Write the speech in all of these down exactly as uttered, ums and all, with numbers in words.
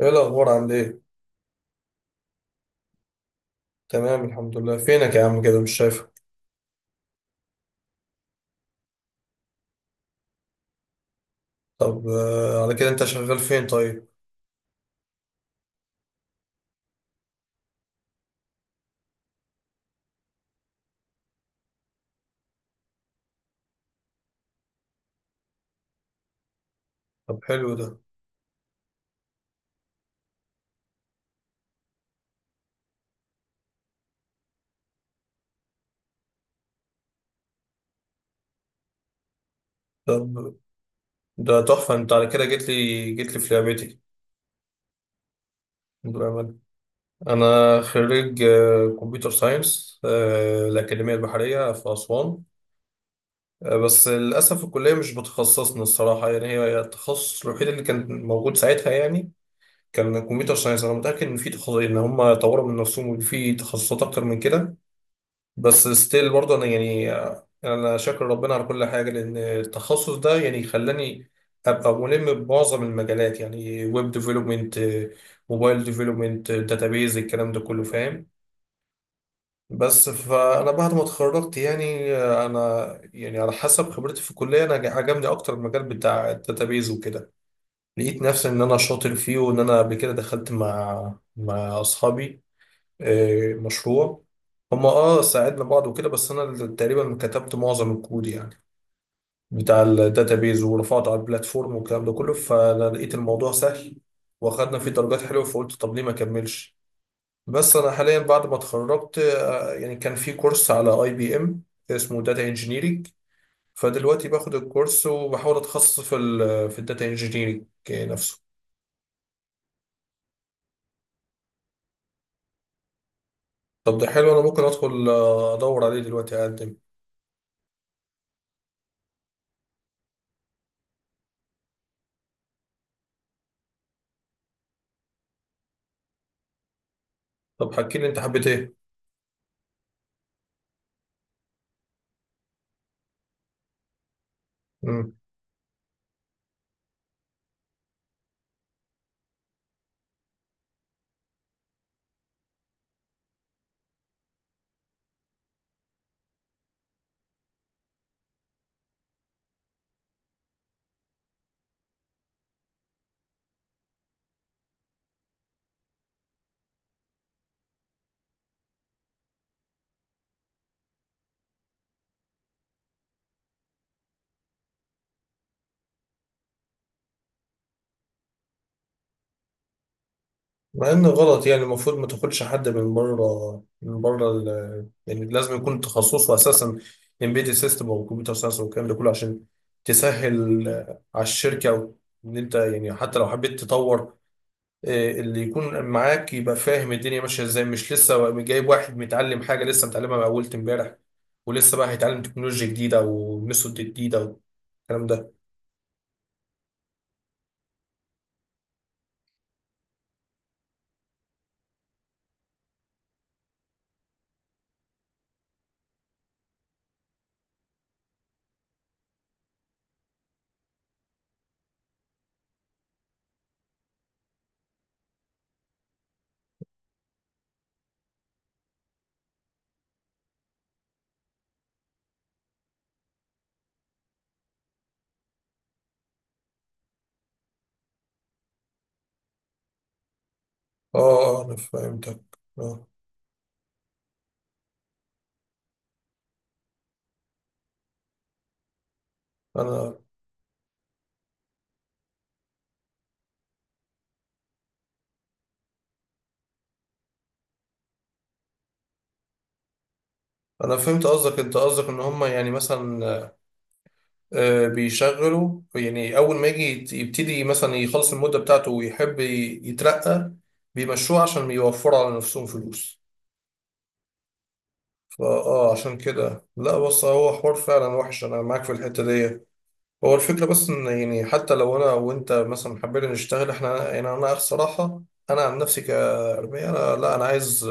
ايه الاخبار، عامل ايه؟ تمام، الحمد لله. فينك يا عم؟ كده مش شايفك. طب، آه، على كده انت شغال فين طيب؟ طب، حلو ده. طب ده تحفه، انت على كده جيت لي جيت لي في لعبتي. بالأمانة، أنا خريج آه، كمبيوتر ساينس، آه، الأكاديمية البحرية في أسوان. آه، بس للأسف الكلية مش بتخصصنا الصراحة، يعني هي التخصص الوحيد اللي كان موجود ساعتها يعني. كان كمبيوتر ساينس، أنا متأكد إن في تخصص إن هم طوروا من نفسهم وفي تخصصات أكتر من كده. بس ستيل برضه انا يعني انا شاكر ربنا على كل حاجه، لان التخصص ده يعني خلاني ابقى ملم بمعظم المجالات، يعني ويب ديفلوبمنت، موبايل ديفلوبمنت، داتابيز، الكلام ده كله فاهم. بس فانا بعد ما اتخرجت يعني انا يعني على حسب خبرتي في الكليه، انا عجبني اكتر المجال بتاع الداتابيز وكده. لقيت نفسي ان انا شاطر فيه، وان انا قبل كده دخلت مع مع اصحابي آه، مشروع. هما اه ساعدنا بعض وكده، بس انا اللي تقريبا كتبت معظم الكود يعني بتاع الداتابيز ورفعته على البلاتفورم والكلام ده كله، فانا لقيت الموضوع سهل. واخدنا فيه درجات حلوه، فقلت طب ليه ما اكملش. بس انا حاليا بعد ما اتخرجت آه، يعني كان في كورس على اي بي ام اسمه داتا انجينيرنج. فدلوقتي باخد الكورس وبحاول اتخصص في ال في الداتا انجينيرنج نفسه. طب ده حلو، انا ممكن ادخل آه، ادور عليه دلوقتي، اقدم. طب حكي لي، انت حبيت ايه؟ مع ان غلط يعني، المفروض ما تاخدش حد من بره، من بره ال- يعني لازم يكون تخصصه اساسا امبيدد سيستم او كمبيوتر ساينس والكلام ده كله، عشان تسهل آه، على الشركه، أو ان انت يعني حتى لو حبيت تطور آه، اللي يكون معاك يبقى فاهم الدنيا ماشيه ازاي، مش لسه جايب واحد متعلم حاجه لسه متعلمها من اول امبارح، ولسه بقى هيتعلم تكنولوجيا جديده او ميثود جديده والكلام ده. اه، آه، انا فهمتك. اه، انا انا فهمت قصدك. انت قصدك ان هم يعني مثلا آه، بيشغله، يعني اول ما يجي يت- يبتدي مثلا يخلص المده بتاعته ويحب ي- يترقى، بيمشوه عشان يوفروا على نفسهم فلوس. فاه، عشان كده لا، بص، هو حوار فعلا وحش، انا معاك في الحته دي. هو الفكره بس ان يعني حتى لو انا وانت مثلا حبينا نشتغل، احنا يعني انا الصراحه انا عن نفسي كارمية، انا لا، انا عايز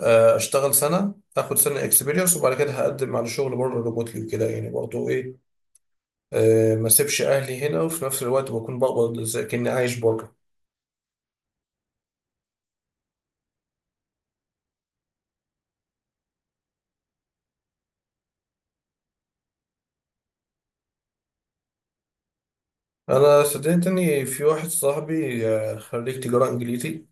آه، اشتغل سنه، اخد سنه اكسبيرينس، وبعد كده هقدم على شغل بره ريموتلي وكده يعني، برضه ايه، آه، ما سيبش اهلي هنا، وفي نفس الوقت بكون بقبض زي كأني عايش بره. انا صدقت اني في واحد صاحبي آه، خريج تجاره انجليزي،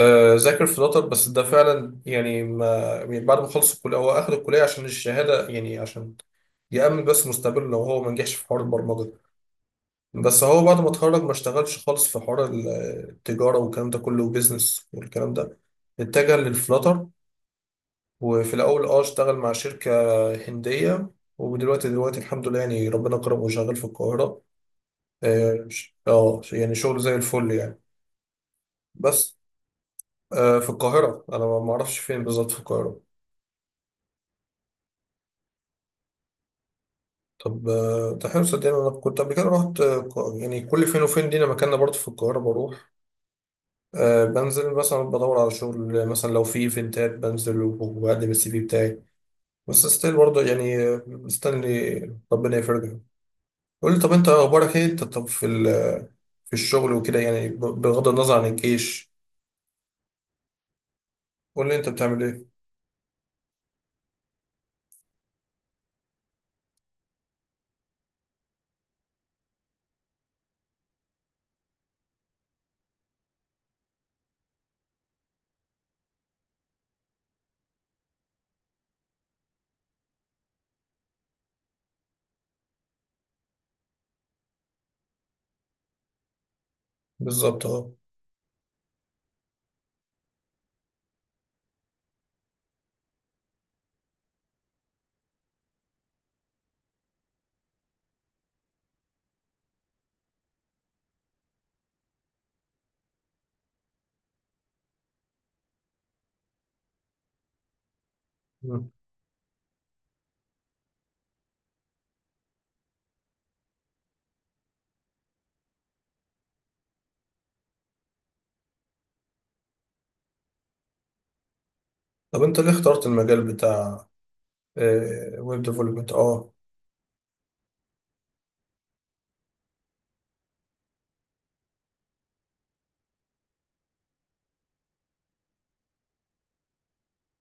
آه، ذاكر في لوتر، بس ده فعلا يعني ما، يعني بعد ما خلص الكليه هو اخد الكليه عشان الشهاده، يعني عشان يأمن بس مستقبله لو هو ما نجحش في حوار البرمجه. بس هو بعد ما اتخرج ما اشتغلش خالص في حوار التجاره والكلام ده كله وبيزنس والكلام ده، اتجه للفلاتر. وفي الأول اه اشتغل مع شركة هندية، ودلوقتي دلوقتي الحمد لله يعني، ربنا كرمه وشغال في القاهرة. اه، ش- آه، يعني شغل زي الفل يعني. بس اه، في القاهرة أنا ما ما أعرفش فين بالظبط في القاهرة. طب آه، ده حلو، صدقني أنا كنت قبل كده رحت آه، ق- يعني كل فين وفين لينا مكاننا برضه في القاهرة بروح. أه، بنزل مثلا بدور على شغل، مثلا لو في ايفنتات بنزل وبقدم السي في بتاعي، بس ستيل برضه يعني آه، مستني ربنا يفرجها. قول لي طب، انت اخبارك ايه؟ انت طب في ال- في الشغل وكده يعني ب- بغض النظر عن الجيش، قول لي انت بتعمل ايه. بالظبط، اه. مم. طب انت ليه اخترت المجال بتاع ويب ديفلوبمنت؟ اه.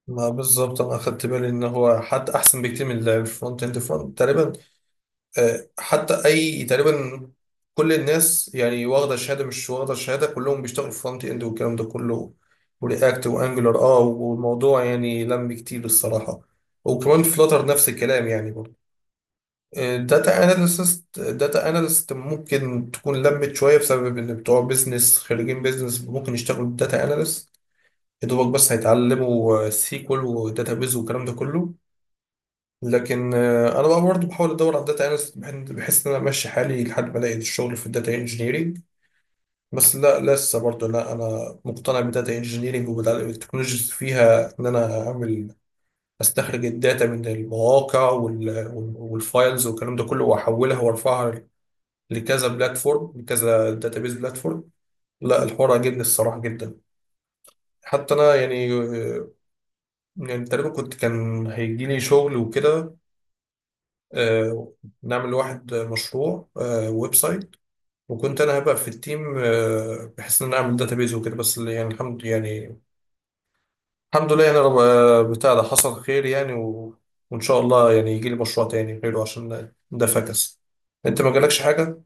ما بالظبط انا اخدت بالي ان هو حتى احسن بكتير من الفرونت اند، فرونت تقريبا، آه، حتى اي تقريبا كل الناس يعني، واخده شهاده مش واخده شهاده كلهم بيشتغلوا في فرونت اند والكلام ده كله، ورياكت وانجلر، اه، والموضوع يعني لم كتير الصراحه، وكمان فلاتر نفس الكلام يعني برضه. داتا اناليست، داتا اناليست ممكن تكون لمت شويه بسبب ان بتوع بيزنس، خريجين بيزنس ممكن يشتغلوا داتا اناليست يا دوبك، بس هيتعلموا سيكول وداتا بيز والكلام ده كله. لكن آه، انا بقى برضه بحاول ادور على الداتا اناليست، بحيث ان انا امشي حالي لحد ما الاقي الشغل في الداتا انجينيرنج. بس لا، لسه برضه لا، انا مقتنع بالداتا انجينيرنج وبالتكنولوجيز فيها، ان انا اعمل استخرج الداتا من المواقع وال- وال- والفايلز والكلام ده كله، واحولها وارفعها لكذا بلاتفورم، لكذا داتابيز بلاتفورم. لا، الحوار عجبني الصراحه جدا. حتى انا يعني آه، يعني تقريبا كنت كان هيجي لي شغل وكده، آه، نعمل لواحد مشروع آه، ويب سايت، وكنت انا هبقى في التيم آه، بحيث ان انا اعمل داتابيز وكده، بس اللي يعني، الحمد يعني، الحمد لله يعني رب آه، بتاع ده حصل خير يعني، و... وان شاء الله يعني يجي لي مشروع تاني غيره عشان ده فكس. انت ما جالكش حاجه؟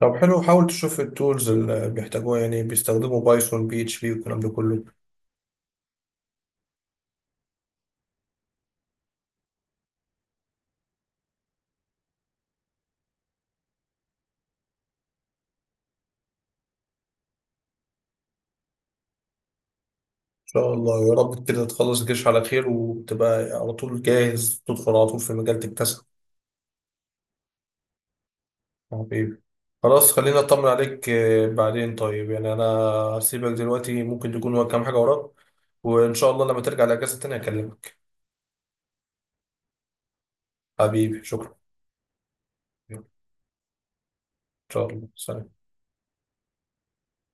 طب حلو، حاول تشوف التولز اللي بيحتاجوها، يعني بيستخدموا بايثون، بي اتش بي والكلام ده كله. ان شاء الله يا رب كده تخلص الجيش على خير، وتبقى على طول جاهز تدخل على طول في مجال تكتسب. حبيبي، خلاص، خلينا اطمن عليك آه، بعدين، طيب يعني انا هسيبك دلوقتي، ممكن تكون وراك كام حاجه وراك، وان شاء الله لما ترجع الاجازه تاني اكلمك. حبيبي شكرا. ان شاء الله، سلام.